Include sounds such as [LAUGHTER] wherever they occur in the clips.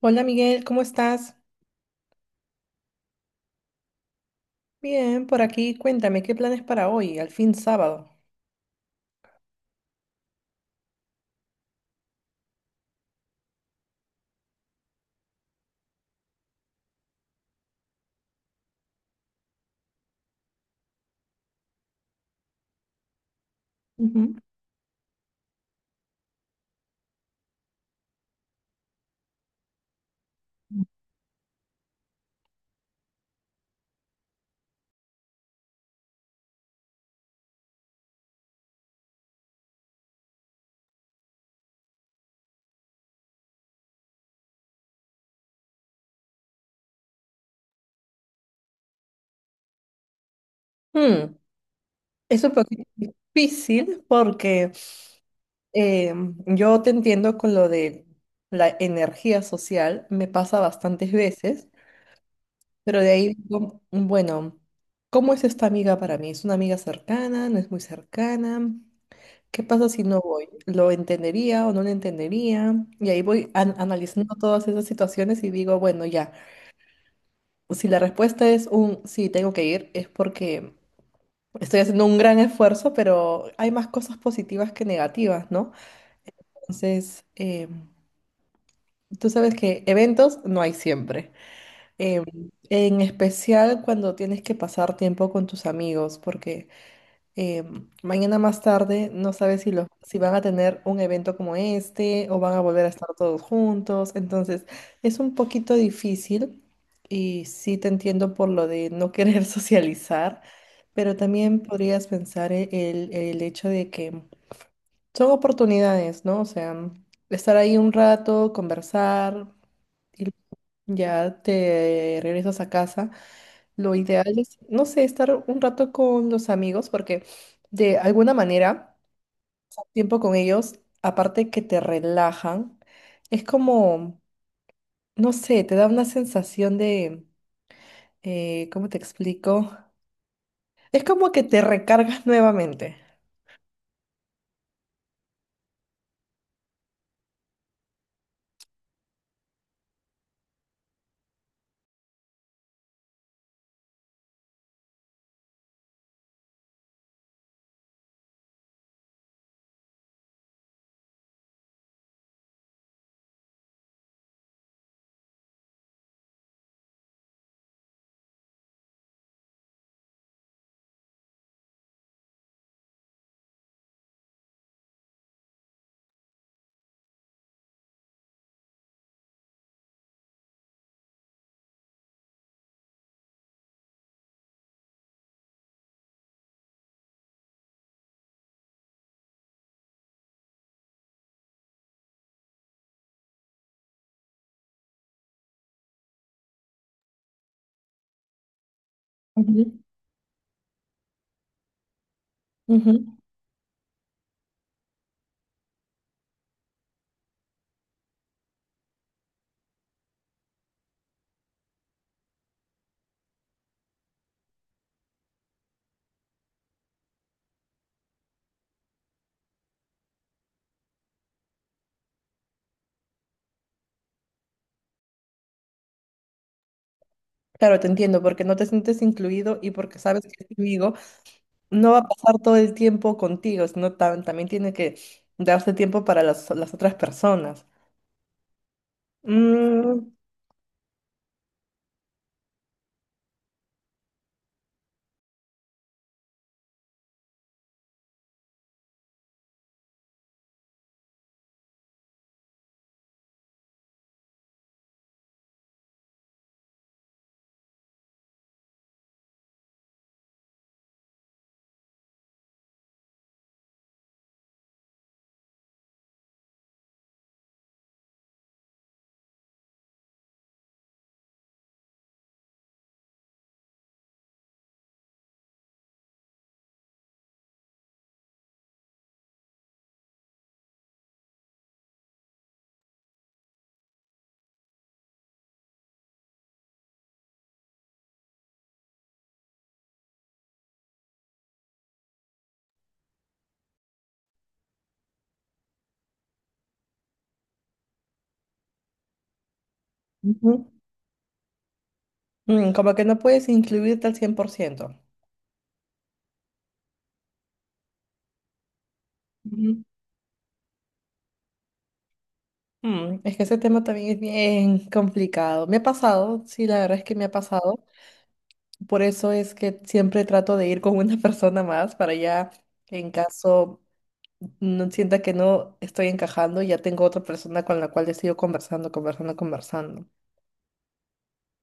Hola Miguel, ¿cómo estás? Bien, por aquí. Cuéntame, ¿qué planes para hoy, al fin sábado? Ujú. Mm, es un poquito difícil porque eh, yo te entiendo con lo de la energía social, me pasa bastantes veces, pero de ahí digo, bueno, ¿cómo es esta amiga para mí? ¿Es una amiga cercana? ¿No es muy cercana? ¿Qué pasa si no voy? ¿Lo entendería o no lo entendería? Y ahí voy analizando todas esas situaciones y digo, bueno, ya. Si la respuesta es un sí, tengo que ir, es porque estoy haciendo un gran esfuerzo, pero hay más cosas positivas que negativas, ¿no? Entonces, tú sabes que eventos no hay siempre. Eh, en especial cuando tienes que pasar tiempo con tus amigos, porque eh, mañana más tarde, no sabes si van a tener un evento como este o van a volver a estar todos juntos. Entonces, es un poquito difícil y sí te entiendo por lo de no querer [LAUGHS] socializar, pero también podrías pensar el hecho de que son oportunidades, ¿no? O sea, estar ahí un rato, conversar y ya te regresas a casa. Lo ideal es, no sé, estar un rato con los amigos porque de alguna manera, tiempo con ellos, aparte que te relajan, es como, no sé, te da una sensación de, ¿cómo te explico? Es como que te recargas [LAUGHS] nuevamente. Ujú. Ujú. Claro, te entiendo, porque no te sientes incluido y porque sabes que el amigo no va a pasar todo el tiempo contigo, sino también tiene que darse tiempo para las otras personas. Mm, ujú. Como que no puedes incluirte al 100%. Ujú. Es que ese tema también es bien complicado. Me ha pasado, sí, la verdad es que me ha pasado. Por eso es que siempre trato de ir con una [LAUGHS] persona más para ya, en caso no sienta que no estoy encajando, ya tengo otra persona con la cual he sido conversando, conversando, conversando.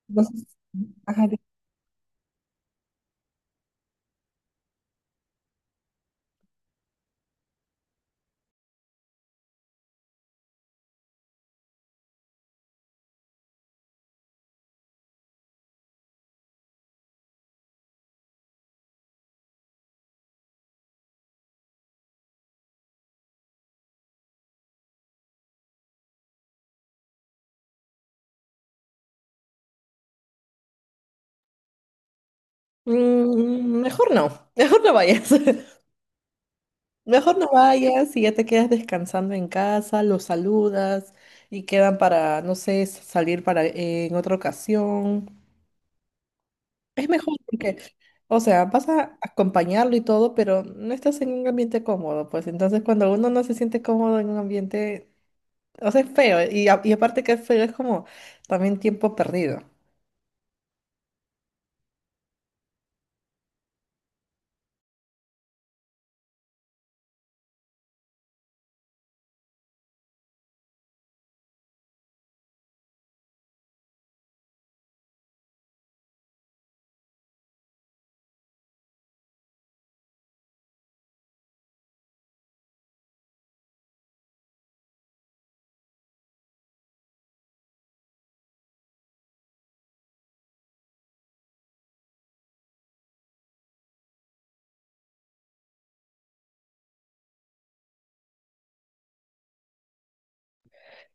Entonces, ajá, mejor no, [LAUGHS] mejor no vayas. [LAUGHS] Mejor no vayas y ya te quedas descansando en casa, los saludas y quedan para, no sé, salir para en otra ocasión. Es mejor porque, o sea, vas a acompañarlo y todo, pero no estás en un ambiente cómodo, pues entonces cuando uno no se siente cómodo en un ambiente, o sea, es feo y aparte que es feo es como también tiempo perdido.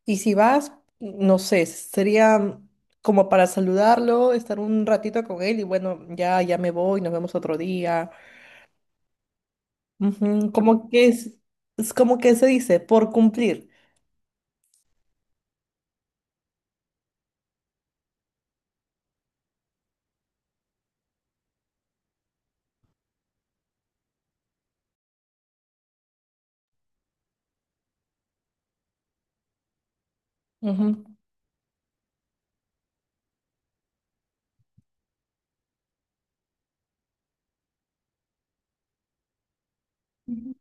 Y si vas, no sé, sería como para saludarlo, estar un ratito con él y bueno, ya, ya me voy, nos vemos otro día. Ujú, como que es como que se dice, por cumplir. Ujú. Ujú.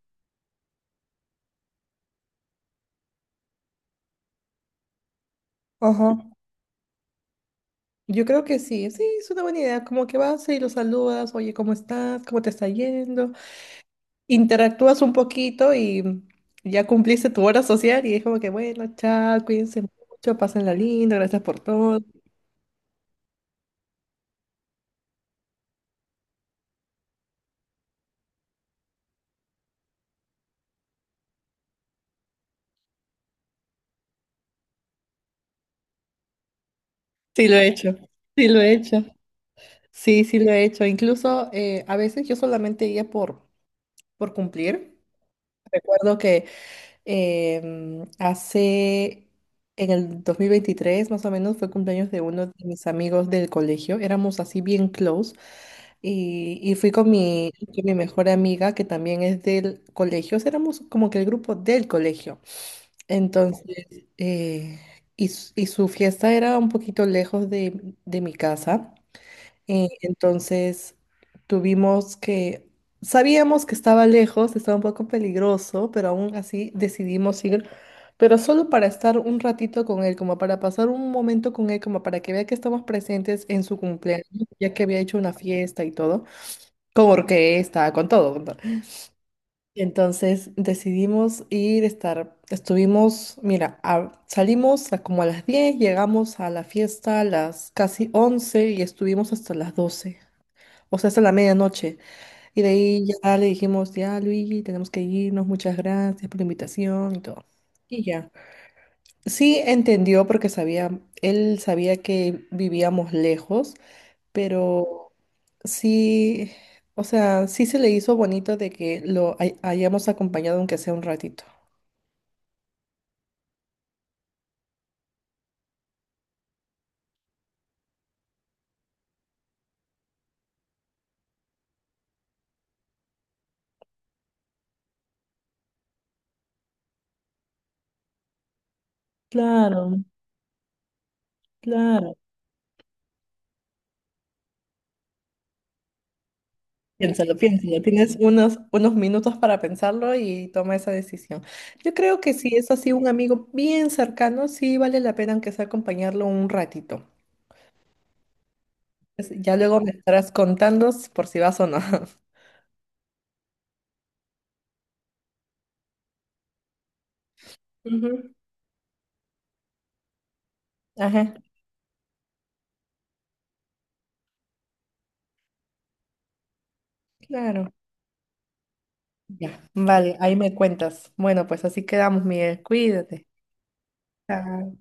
Ajá. Yo creo que sí, sí, es una buena idea. Como que vas y los saludas, oye, ¿cómo estás? ¿Cómo te está yendo? Interactúas un poquito y ya cumpliste tu hora social y es como que, bueno, chao, cuídense mucho, pásenla lindo, gracias por todo. Sí, lo he hecho. Sí, lo he hecho. Sí, sí, lo he hecho. Incluso a veces yo solamente iba por cumplir. Recuerdo que Em, hace, en el 2023 más o menos, fue cumpleaños de uno de mis amigos del colegio. Éramos así bien close. Y fui con mi mejor amiga, que también es del colegio. O sea, éramos como que el grupo del colegio. Entonces, eh, y su fiesta era un poquito lejos de mi casa. Entonces tuvimos que, sabíamos que estaba lejos, estaba un poco peligroso, pero aún así decidimos ir, pero solo para estar un ratito con él, como para pasar un momento con él, como para que vea que estamos presentes en su cumpleaños, ya que había hecho una fiesta y todo, con orquesta, con todo, con todo. Entonces decidimos ir, estuvimos, mira, salimos a como a las 10, llegamos a la fiesta a las casi 11 y estuvimos hasta las 12. O sea, hasta la medianoche. Y de ahí ya le dijimos, ya Luigi, tenemos que irnos, muchas gracias por la invitación y todo. Y ya. Sí entendió porque sabía, él sabía que vivíamos lejos, pero sí, o sea, sí se le hizo bonito de que lo hayamos acompañado aunque sea un ratito. Claro, claro. Piénsalo, piénsalo. Tienes unos minutos para pensarlo y toma esa decisión. Yo creo que si es así un amigo bien cercano, sí vale la pena aunque sea acompañarlo un ratito. Pues ya luego me estarás contando por si vas o no. [LAUGHS] Ujú. Ajá, claro. Ya. Vale, ahí me cuentas. Bueno, pues así quedamos, Miguel. Cuídate. Chao.